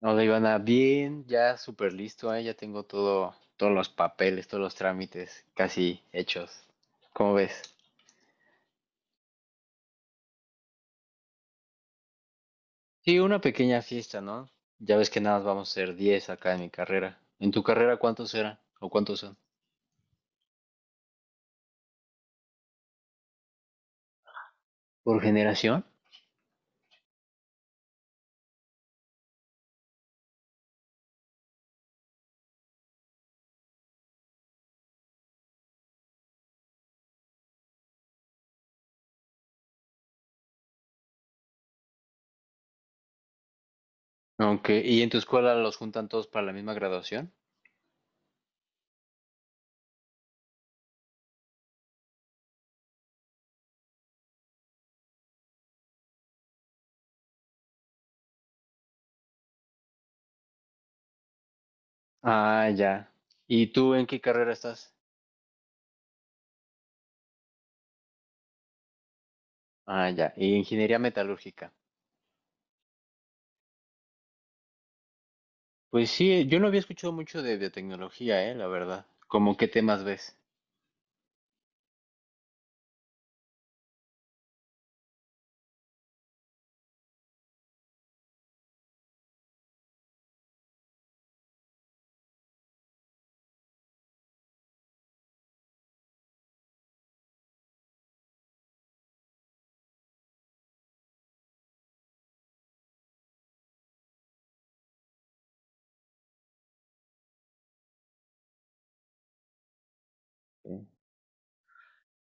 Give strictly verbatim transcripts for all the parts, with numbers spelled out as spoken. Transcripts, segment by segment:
No, le iban a bien, ya súper listo, ¿eh? Ya tengo todo, todos los papeles, todos los trámites casi hechos. ¿Cómo ves? Sí, una pequeña fiesta, ¿no? Ya ves que nada más vamos a ser diez acá en mi carrera. ¿En tu carrera cuántos eran o cuántos son? ¿Por generación? Aunque, ¿y en tu escuela los juntan todos para la misma graduación? Ah, ya. ¿Y tú en qué carrera estás? Ah, ya. ¿Y ingeniería metalúrgica? Pues sí, yo no había escuchado mucho de biotecnología, ¿eh? La verdad. ¿Cómo qué temas ves?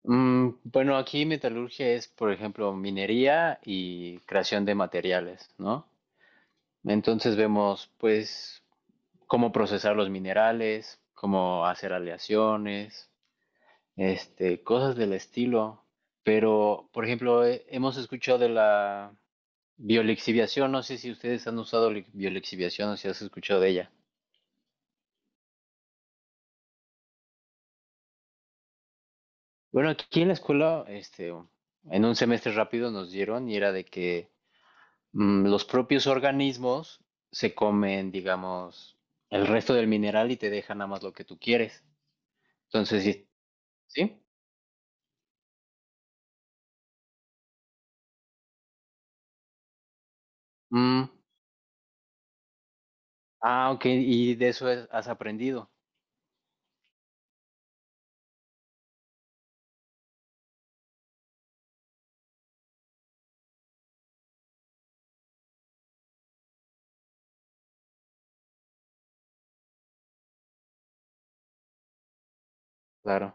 Mm, bueno, aquí metalurgia es, por ejemplo, minería y creación de materiales, ¿no? Entonces vemos, pues, cómo procesar los minerales, cómo hacer aleaciones, este, cosas del estilo. Pero, por ejemplo, he- hemos escuchado de la biolixiviación, no sé si ustedes han usado li- biolixiviación o si has escuchado de ella. Bueno, aquí en la escuela, este, en un semestre rápido nos dieron y era de que mm, los propios organismos se comen, digamos, el resto del mineral y te dejan nada más lo que tú quieres. Entonces, sí. ¿Sí? Mm. ah, ok, y de eso es- has aprendido. Claro.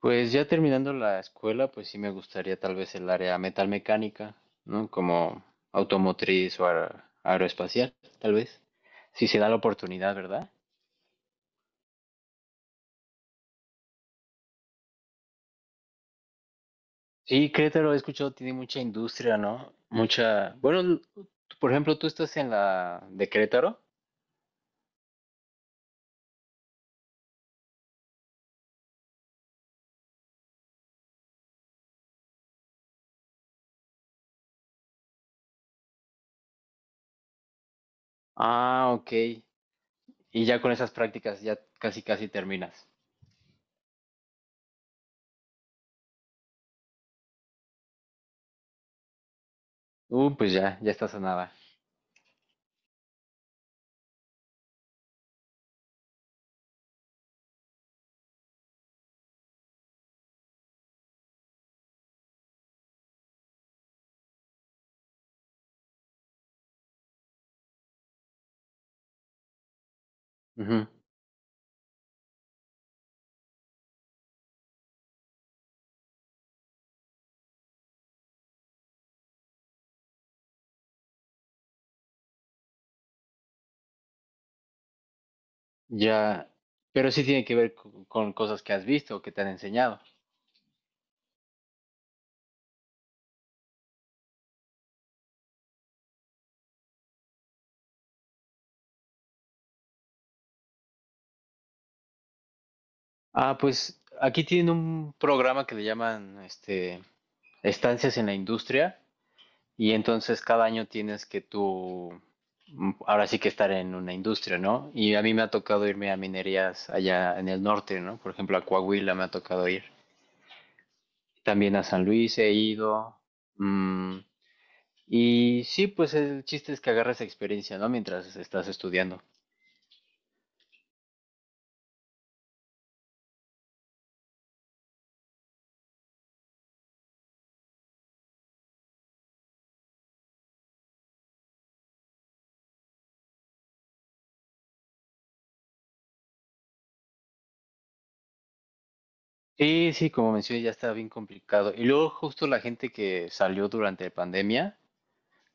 Pues ya terminando la escuela, pues sí me gustaría tal vez el área metalmecánica, ¿no? Como automotriz o aer- aeroespacial, tal vez. Si se da la oportunidad, ¿verdad? Sí, Querétaro, he escuchado, tiene mucha industria, ¿no? Mucha. Bueno, l- por ejemplo, tú estás en la de Querétaro. Ah, ok. Y ya con esas prácticas ya casi casi terminas. Uh, pues ya, ya estás a nada. Ujú. Ya, pero sí tiene que ver co- con cosas que has visto o que te han enseñado. Ah, pues aquí tienen un programa que le llaman este estancias en la industria y entonces cada año tienes que tú, mm, ahora sí que estar en una industria, ¿no? Y a mí me ha tocado irme a minerías allá en el norte, ¿no? Por ejemplo, a Coahuila me ha tocado ir. También a San Luis he ido. mm, Y sí, pues el chiste es que agarres experiencia, ¿no? Mientras estás estudiando. Sí, sí, como mencioné, ya está bien complicado. Y luego justo la gente que salió durante la pandemia,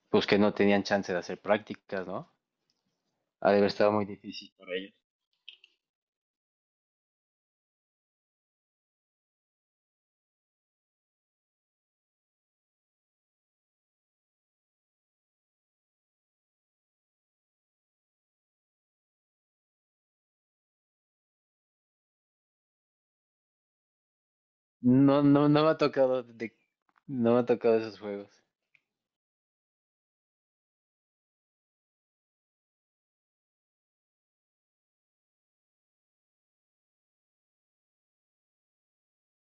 pues que no tenían chance de hacer prácticas, ¿no? Ha de haber estado muy difícil para ellos. No, no, no me ha tocado de, no me ha tocado esos juegos.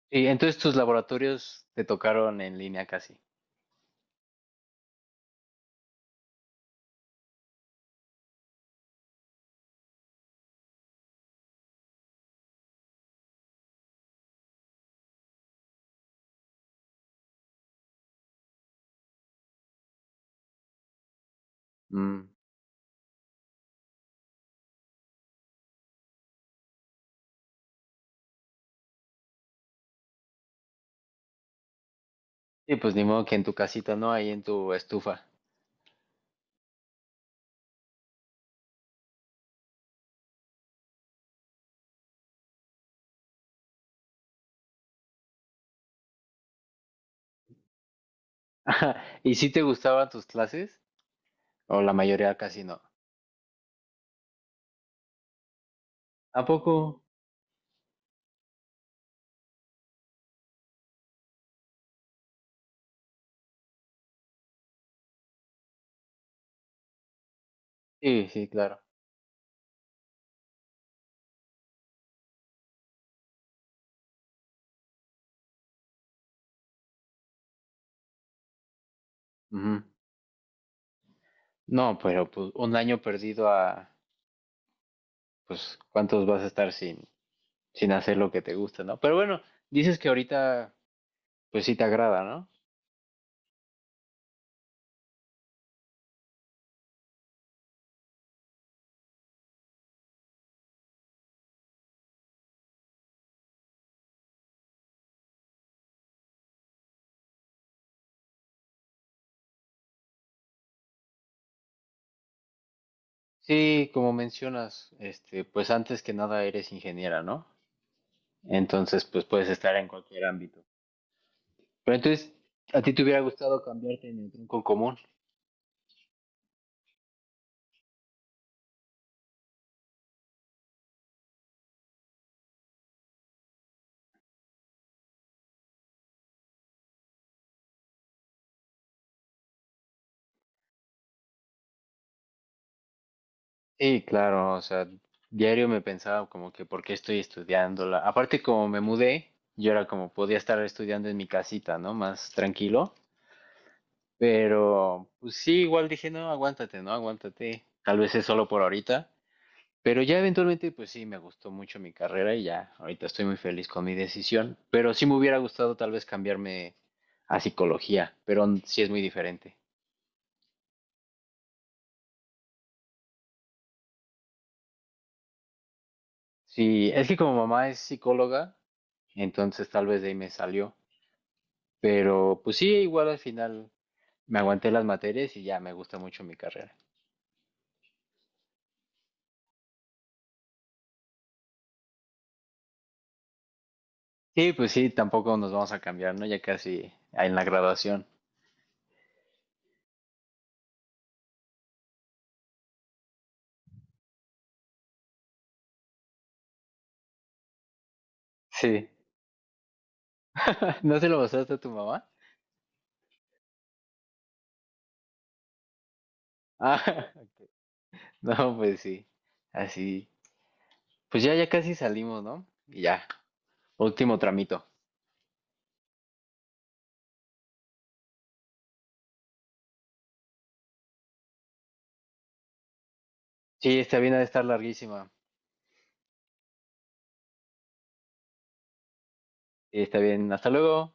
Y entonces tus laboratorios te tocaron en línea casi. Mm. Sí, pues ni modo que en tu casita, ¿no? Ahí en tu estufa. ¿Y si te gustaban tus clases? O la mayoría casi no. ¿A poco? Sí, sí, claro. Ujú. No, pero pues un año perdido a, pues, ¿cuántos vas a estar sin, sin hacer lo que te gusta, ¿no? Pero bueno, dices que ahorita, pues sí te agrada, ¿no? Sí, como mencionas, este, pues antes que nada eres ingeniera, ¿no? Entonces, pues puedes estar en cualquier ámbito. Pero entonces, ¿a ti te hubiera gustado cambiarte en el tronco común? Sí, claro, o sea, diario me pensaba como que por qué estoy estudiándola. Aparte, como me mudé, yo era como podía estar estudiando en mi casita, ¿no? Más tranquilo. Pero, pues sí, igual dije, no, aguántate, no, aguántate. Tal vez es solo por ahorita. Pero ya eventualmente, pues sí, me gustó mucho mi carrera y ya, ahorita estoy muy feliz con mi decisión. Pero sí me hubiera gustado tal vez cambiarme a psicología, pero n- sí es muy diferente. Sí, es que como mamá es psicóloga, entonces tal vez de ahí me salió. Pero pues sí, igual al final me aguanté las materias y ya me gusta mucho mi carrera. Y pues sí, tampoco nos vamos a cambiar, ¿no? Ya casi en la graduación. Sí. ¿No se lo pasaste a tu mamá? Ah, no, pues sí. Así. Pues ya, ya casi salimos, ¿no? Y ya, último tramito. Sí, está bien, ha de estar larguísima. Sí, está bien, hasta luego.